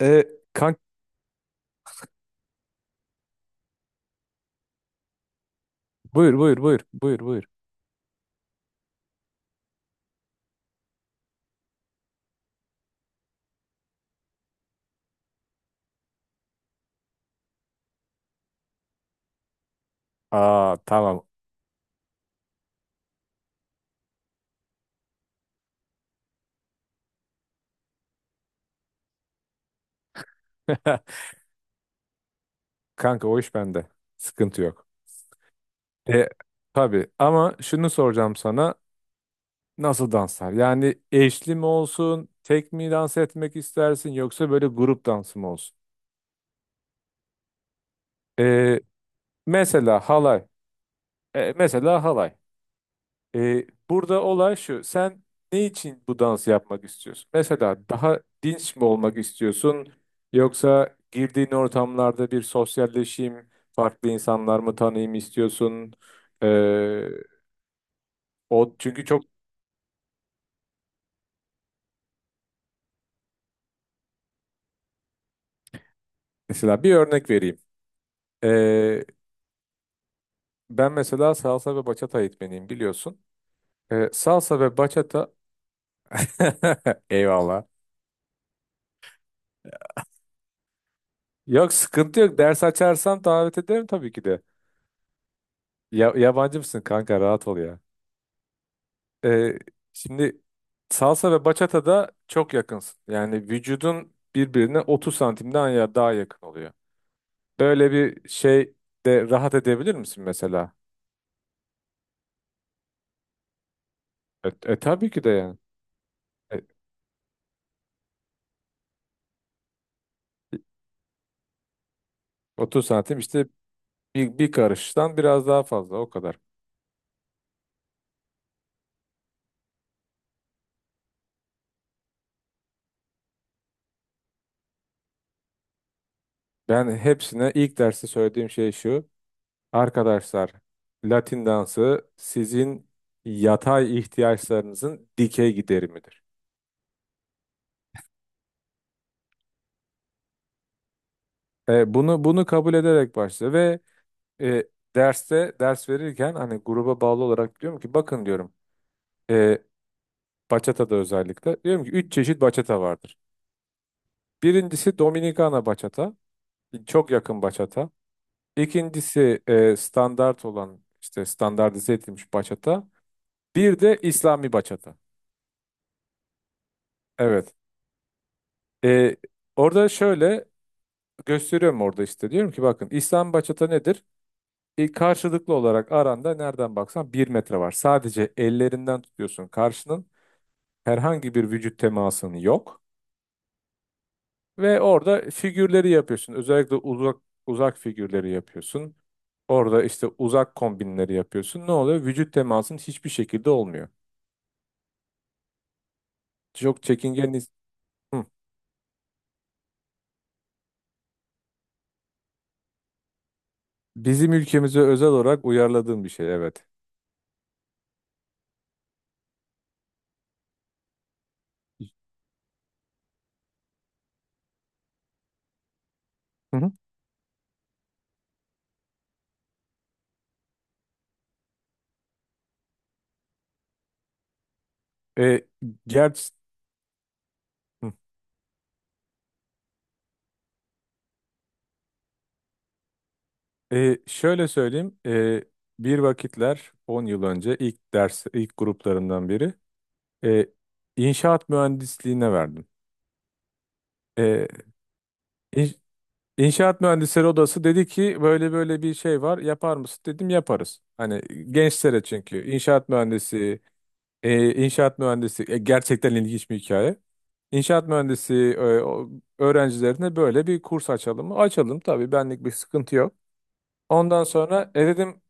E, Kank, buyur buyur buyur buyur buyur. Aa, tamam. Kanka, o iş bende. Sıkıntı yok. E, tabii, ama şunu soracağım sana. Nasıl danslar? Yani, eşli mi olsun? Tek mi dans etmek istersin? Yoksa böyle grup dansı mı olsun? E, Mesela halay. Mesela halay. Burada olay şu. Sen ne için bu dansı yapmak istiyorsun? Mesela, daha dinç mi olmak istiyorsun? Yoksa girdiğin ortamlarda bir sosyalleşeyim, farklı insanlar mı tanıyayım istiyorsun? E, o çünkü çok Mesela bir örnek vereyim. E, Ben mesela salsa ve bachata eğitmeniyim, biliyorsun. Salsa ve bachata. Eyvallah. Yok, sıkıntı yok. Ders açarsam davet ederim tabii ki de. Ya, yabancı mısın kanka, rahat ol ya. Ee, Şimdi salsa ve bachata da çok yakınsın. Yani vücudun birbirine 30 santimden ya daha yakın oluyor. Böyle bir şey de rahat edebilir misin mesela? Tabii ki de yani. E, 30 santim işte, bir karıştan biraz daha fazla, o kadar. Ben hepsine ilk derste söylediğim şey şu. Arkadaşlar, Latin dansı sizin yatay ihtiyaçlarınızın dikey giderimidir. Bunu kabul ederek başla ve e, derste ders verirken, hani, gruba bağlı olarak diyorum ki, bakın, diyorum e, bachata'da özellikle, diyorum ki üç çeşit bachata vardır. Birincisi Dominikana bachata, çok yakın bachata. İkincisi standart olan, işte standartize edilmiş bachata. Bir de İslami bachata. Evet. E, Orada şöyle gösteriyorum, orada işte diyorum ki, bakın, İslam bachata nedir? Karşılıklı olarak aranda nereden baksan bir metre var. Sadece ellerinden tutuyorsun karşının. Herhangi bir vücut temasın yok ve orada figürleri yapıyorsun. Özellikle uzak uzak figürleri yapıyorsun. Orada işte uzak kombinleri yapıyorsun. Ne oluyor? Vücut temasın hiçbir şekilde olmuyor. Çok çekingen. Hı. Bizim ülkemize özel olarak uyarladığım bir şey, evet. Hı hı. E, Gerçi. Hı. Şöyle söyleyeyim. Bir vakitler, 10 yıl önce, ilk ders, ilk gruplarından biri e, inşaat mühendisliğine verdim. E, in- İnşaat mühendisleri odası dedi ki, böyle böyle bir şey var, yapar mısın? Dedim, yaparız. Hani gençlere, çünkü inşaat mühendisi, gerçekten ilginç bir hikaye. İnşaat mühendisi öğrencilerine böyle bir kurs açalım mı? Açalım tabii, benlik bir sıkıntı yok. Ondan sonra dedim,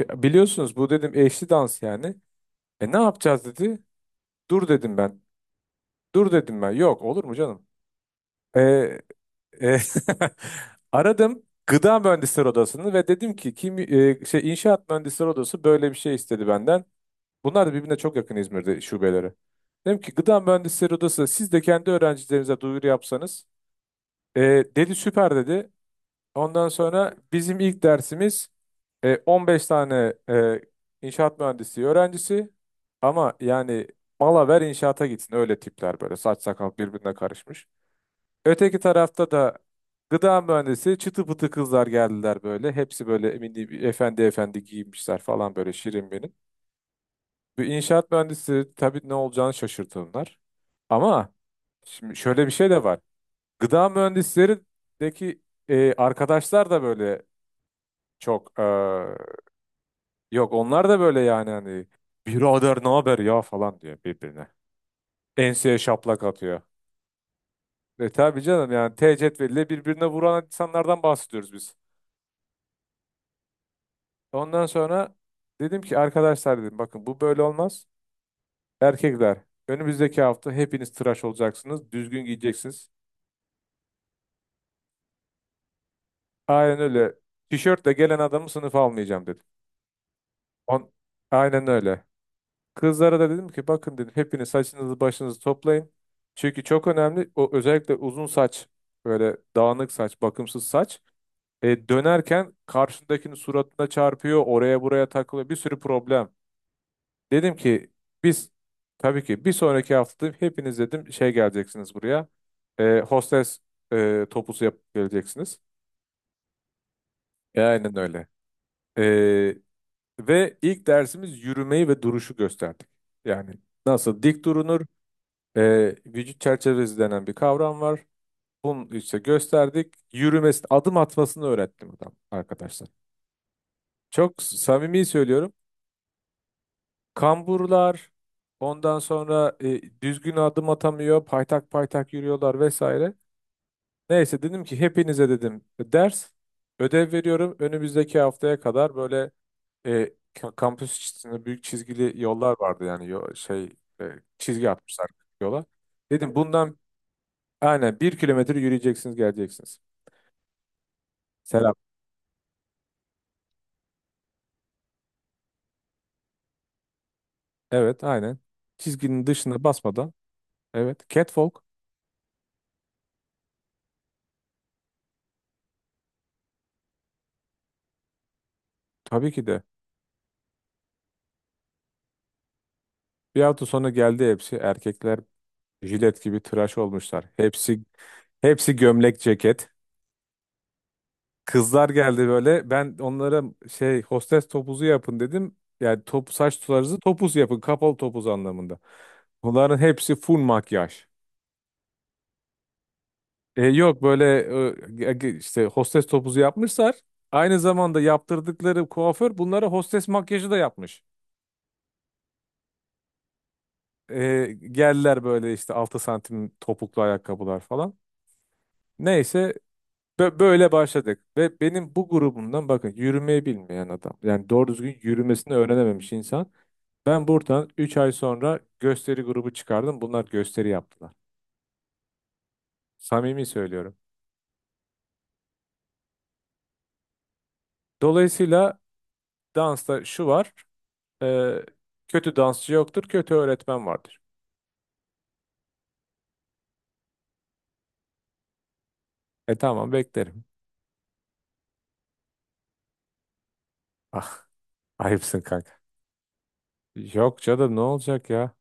Biliyorsunuz bu," dedim, "eşli dans yani." "Ne yapacağız?" dedi. "Dur," dedim ben. "Dur," dedim ben. Yok, olur mu canım? E, E, Aradım gıda mühendisleri odasını ve dedim ki, kim şey, inşaat mühendisleri odası böyle bir şey istedi benden. Bunlar da birbirine çok yakın, İzmir'de şubeleri. Dedim ki, gıda mühendisleri odası, siz de kendi öğrencilerinize duyuru yapsanız. E, "Dedi, süper," dedi. Ondan sonra bizim ilk dersimiz 15 tane inşaat mühendisliği öğrencisi, ama yani mala ver inşaata gitsin öyle tipler, böyle saç sakal birbirine karışmış. Öteki tarafta da gıda mühendisi çıtı pıtı kızlar geldiler böyle. Hepsi böyle emin, efendi efendi giyinmişler falan, böyle şirin benim. Bir inşaat mühendisi tabii, ne olacağını şaşırtınlar. Ama şimdi şöyle bir şey de var. Gıda mühendislerindeki arkadaşlar da böyle çok yok, onlar da böyle, yani hani, "Birader ne haber ya" falan diyor birbirine. Enseye şaplak atıyor. Tabii canım, yani T cetveliyle birbirine vuran insanlardan bahsediyoruz biz. Ondan sonra dedim ki, arkadaşlar dedim, bakın, bu böyle olmaz. Erkekler, önümüzdeki hafta hepiniz tıraş olacaksınız. Düzgün giyeceksiniz. Aynen öyle. Tişörtle gelen adamı sınıfa almayacağım, dedim. On, aynen öyle. Kızlara da dedim ki, bakın dedim, hepiniz saçınızı başınızı toplayın. Çünkü çok önemli o, özellikle uzun saç, böyle dağınık saç, bakımsız saç. Dönerken karşındakinin suratına çarpıyor, oraya buraya takılıyor, bir sürü problem. Dedim ki, biz tabii ki bir sonraki hafta hepiniz dedim, şey, geleceksiniz buraya. Hostes topusu yapıp geleceksiniz. Aynen öyle. E, Ve ilk dersimiz yürümeyi ve duruşu gösterdik. Yani nasıl dik durunur, vücut çerçevesi denen bir kavram var. Bunu işte gösterdik. Yürümesi, adım atmasını öğrettim adam, arkadaşlar. Çok samimi söylüyorum. Kamburlar, ondan sonra düzgün adım atamıyor, paytak paytak yürüyorlar vesaire. Neyse, dedim ki, hepinize dedim ders, ödev veriyorum. Önümüzdeki haftaya kadar böyle kampüs içinde büyük çizgili yollar vardı, yani e, çizgi atmışlar yola. Dedim, bundan aynen 1 kilometre yürüyeceksiniz, geleceksiniz. Selam. Evet, aynen. Çizginin dışına basmadan. Evet. Catwalk. Tabii ki de. Bir hafta sonra geldi hepsi. Erkekler jilet gibi tıraş olmuşlar. Hepsi gömlek ceket. Kızlar geldi böyle. Ben onlara, şey, hostes topuzu yapın, dedim. Yani top saç tularınızı topuz yapın. Kapalı topuz anlamında. Bunların hepsi full makyaj. Yok böyle, işte hostes topuzu yapmışlar. Aynı zamanda yaptırdıkları kuaför bunlara hostes makyajı da yapmış. Geldiler böyle, işte 6 santim topuklu ayakkabılar falan. Neyse, böyle başladık ve benim bu grubumdan, bakın, yürümeyi bilmeyen adam, yani doğru düzgün yürümesini öğrenememiş insan. Ben buradan 3 ay sonra gösteri grubu çıkardım. Bunlar gösteri yaptılar. Samimi söylüyorum. Dolayısıyla dansta şu var. e, Kötü dansçı yoktur, kötü öğretmen vardır. Tamam, beklerim. Ah, ayıpsın kanka. Yok canım, ne olacak ya?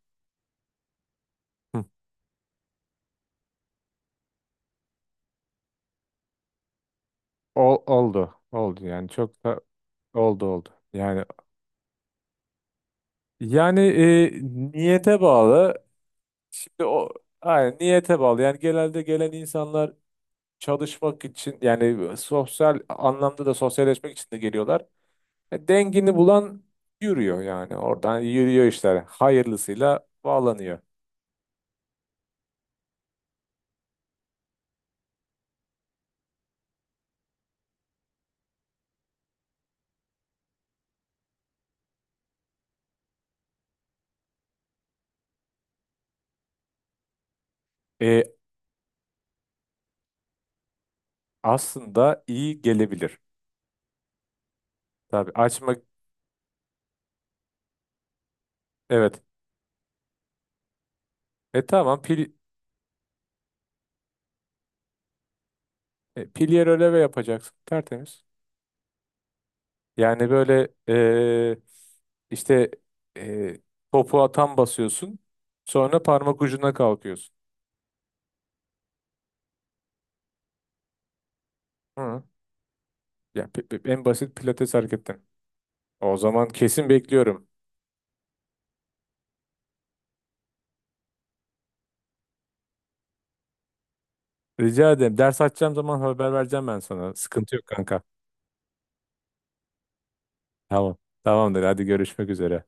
Hı, oldu. Oldu yani, çok da oldu oldu. Yani, niyete bağlı. Şimdi o, aynen niyete bağlı. Yani genelde gelen insanlar çalışmak için, yani sosyal anlamda da sosyalleşmek için de geliyorlar. Dengini bulan yürüyor, yani oradan yürüyor işler. Hayırlısıyla bağlanıyor. E, Aslında iyi gelebilir. Tabii, açmak, evet. Tamam, pilyer öleve yapacaksın, tertemiz. Yani böyle, işte, e, topuğa tam basıyorsun, sonra parmak ucuna kalkıyorsun. Hı. Ya, en basit pilates hareketten. O zaman kesin bekliyorum. Rica ederim. Ders açacağım zaman haber vereceğim ben sana. Sıkıntı yok kanka. Tamam. Tamamdır. Hadi, görüşmek üzere.